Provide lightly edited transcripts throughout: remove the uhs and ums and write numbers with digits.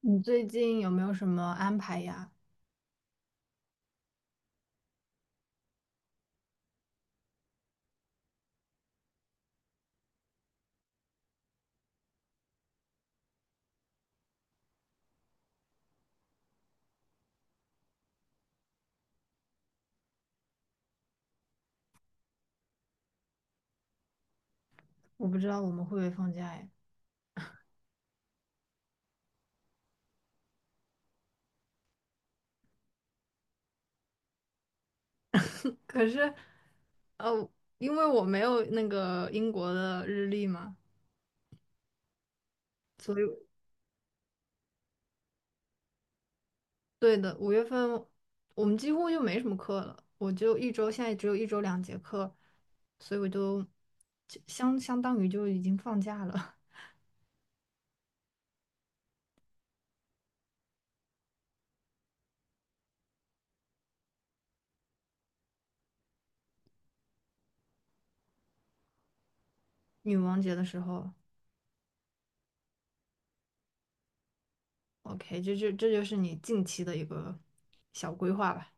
你最近有没有什么安排呀？我不知道我们会不会放假哎。可是，呃，因为我没有那个英国的日历嘛，所以对的，五月份我们几乎就没什么课了，我就一周，现在只有一周两节课，所以我就就相当于就已经放假了。女王节的时候，OK，这就是你近期的一个小规划吧。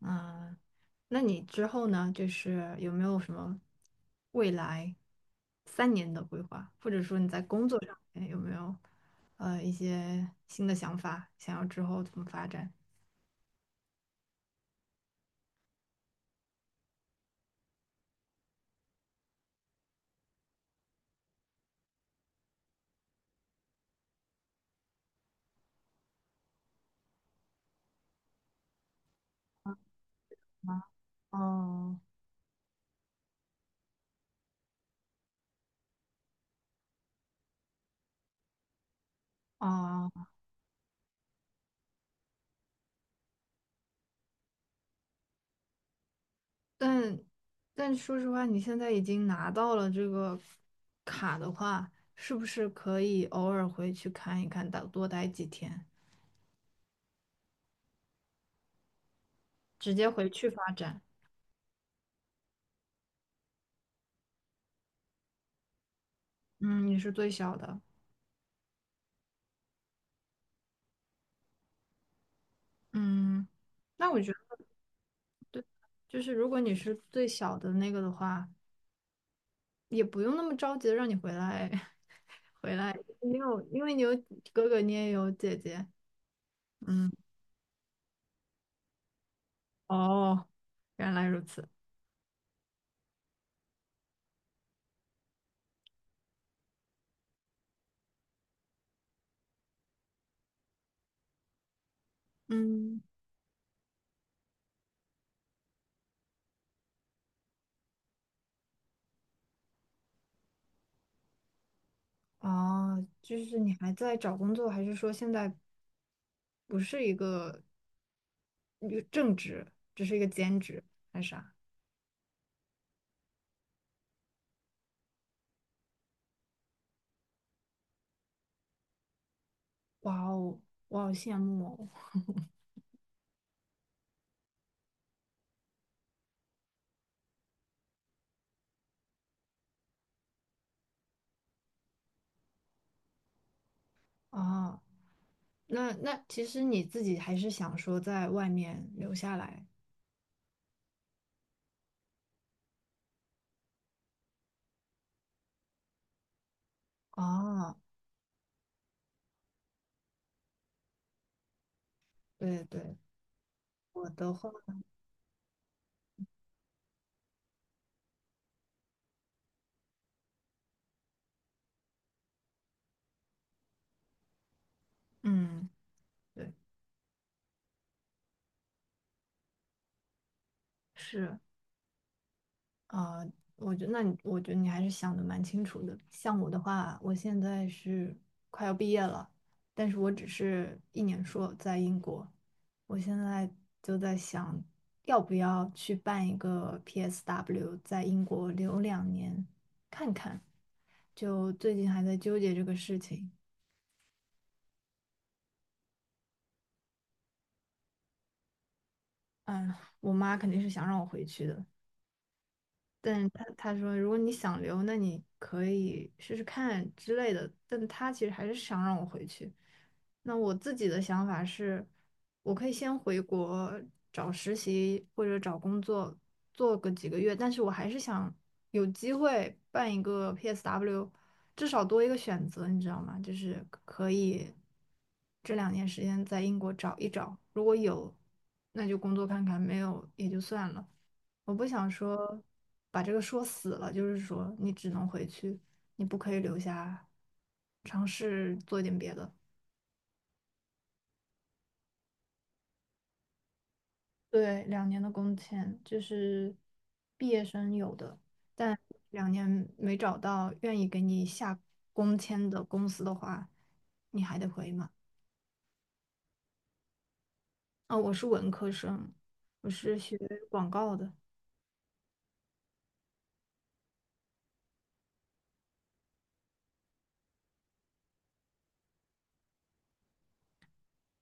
嗯，那你之后呢？就是有没有什么未来三年的规划，或者说你在工作上面有没有一些新的想法，想要之后怎么发展？哦哦，但但说实话，你现在已经拿到了这个卡的话，是不是可以偶尔回去看一看，待多待几天，直接回去发展？嗯，你是最小的，嗯，那我觉得。就是如果你是最小的那个的话，也不用那么着急的让你回来，回来，你有，因为你有哥哥，你也有姐姐，嗯，哦，原来如此，嗯，哦，就是你还在找工作，还是说现在不是一个正职，只是一个兼职，还是啥？哇哦，我好羡慕哦，哦，那那其实你自己还是想说在外面留下来。哦，对对，我的话，嗯，对，是啊，我觉得那你，我觉得你还是想的蛮清楚的。像我的话，我现在是快要毕业了，但是我只是一年硕在英国，我现在就在想，要不要去办一个 PSW，在英国留两年看看。就最近还在纠结这个事情，嗯，我妈肯定是想让我回去的，但他说，如果你想留，那你可以试试看之类的。但他其实还是想让我回去。那我自己的想法是，我可以先回国找实习或者找工作，做个几个月。但是我还是想有机会办一个 PSW，至少多一个选择，你知道吗？就是可以这两年时间在英国找一找，如果有，那就工作看看；没有也就算了。我不想说把这个说死了，就是说你只能回去，你不可以留下，尝试做一点别的。对，两年的工签就是毕业生有的，但两年没找到愿意给你下工签的公司的话，你还得回嘛。哦，我是文科生，我是学广告的，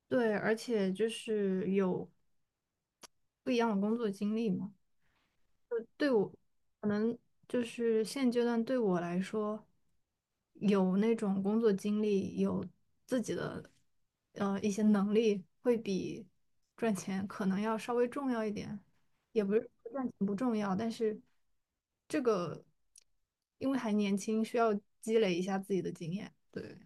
对，而且就是有不一样的工作经历嘛。对我，可能就是现阶段对我来说，有那种工作经历，有自己的一些能力，会比赚钱可能要稍微重要一点。也不是说赚钱不重要，但是这个因为还年轻，需要积累一下自己的经验。对，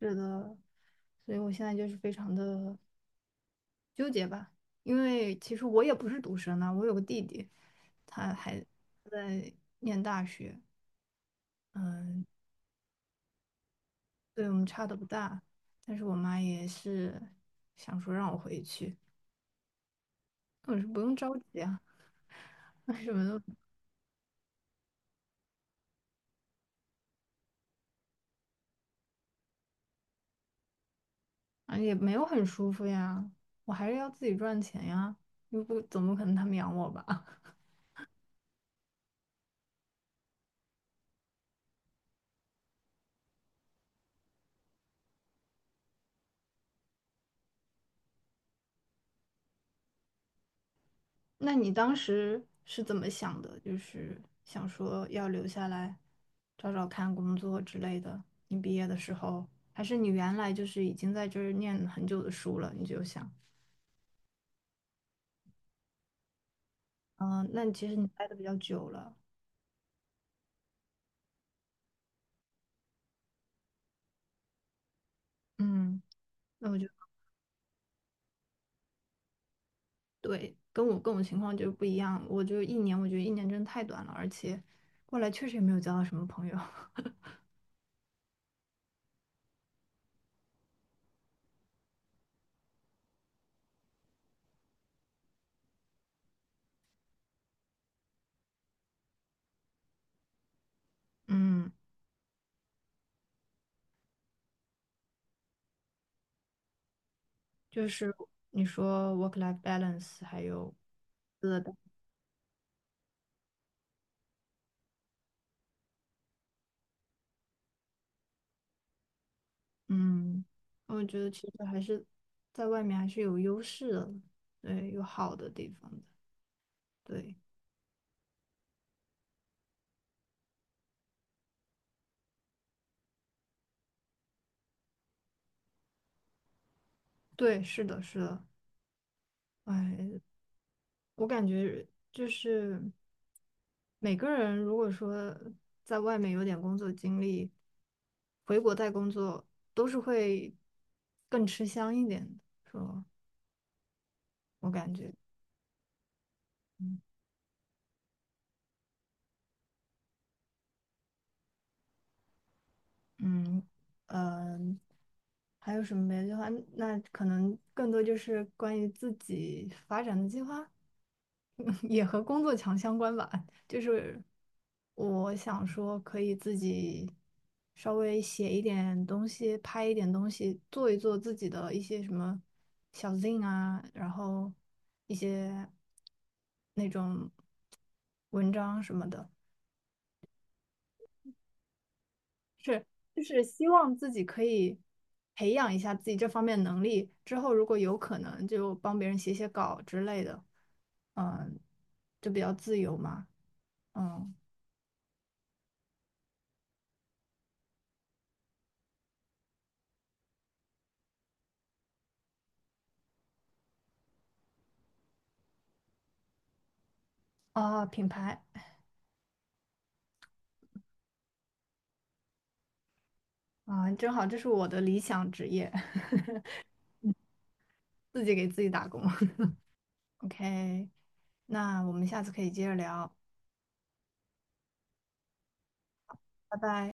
是的，所以我现在就是非常的。纠结吧，因为其实我也不是独生啊，我有个弟弟，他还在念大学，嗯，对我们差的不大，但是我妈也是想说让我回去，我说不用着急啊，什么都啊也没有很舒服呀，我还是要自己赚钱呀，又不怎么可能他们养我吧？那你当时是怎么想的？就是想说要留下来找找看工作之类的。你毕业的时候，还是你原来就是已经在这儿念了很久的书了，你就想，嗯、那其实你待的比较久了，嗯，那我就对，跟我情况就不一样，我就一年，我觉得一年真的太短了，而且过来确实也没有交到什么朋友，嗯，就是你说 work life balance，还有。嗯，我觉得其实还是在外面还是有优势的，对，有好的地方的，对，对，是的，是的，哎，我感觉就是每个人如果说在外面有点工作经历，回国再工作都是会更吃香一点的，说我感觉。嗯嗯嗯，还有什么别的计划？那可能更多就是关于自己发展的计划，也和工作强相关吧。就是我想说，可以自己稍微写一点东西，拍一点东西，做一做自己的一些什么小 zine 啊，然后一些那种文章什么的。就是希望自己可以培养一下自己这方面能力，之后如果有可能就帮别人写写稿之类的，嗯，就比较自由嘛，嗯，啊，品牌啊，正好这是我的理想职业，自己给自己打工。OK，那我们下次可以接着聊，拜拜。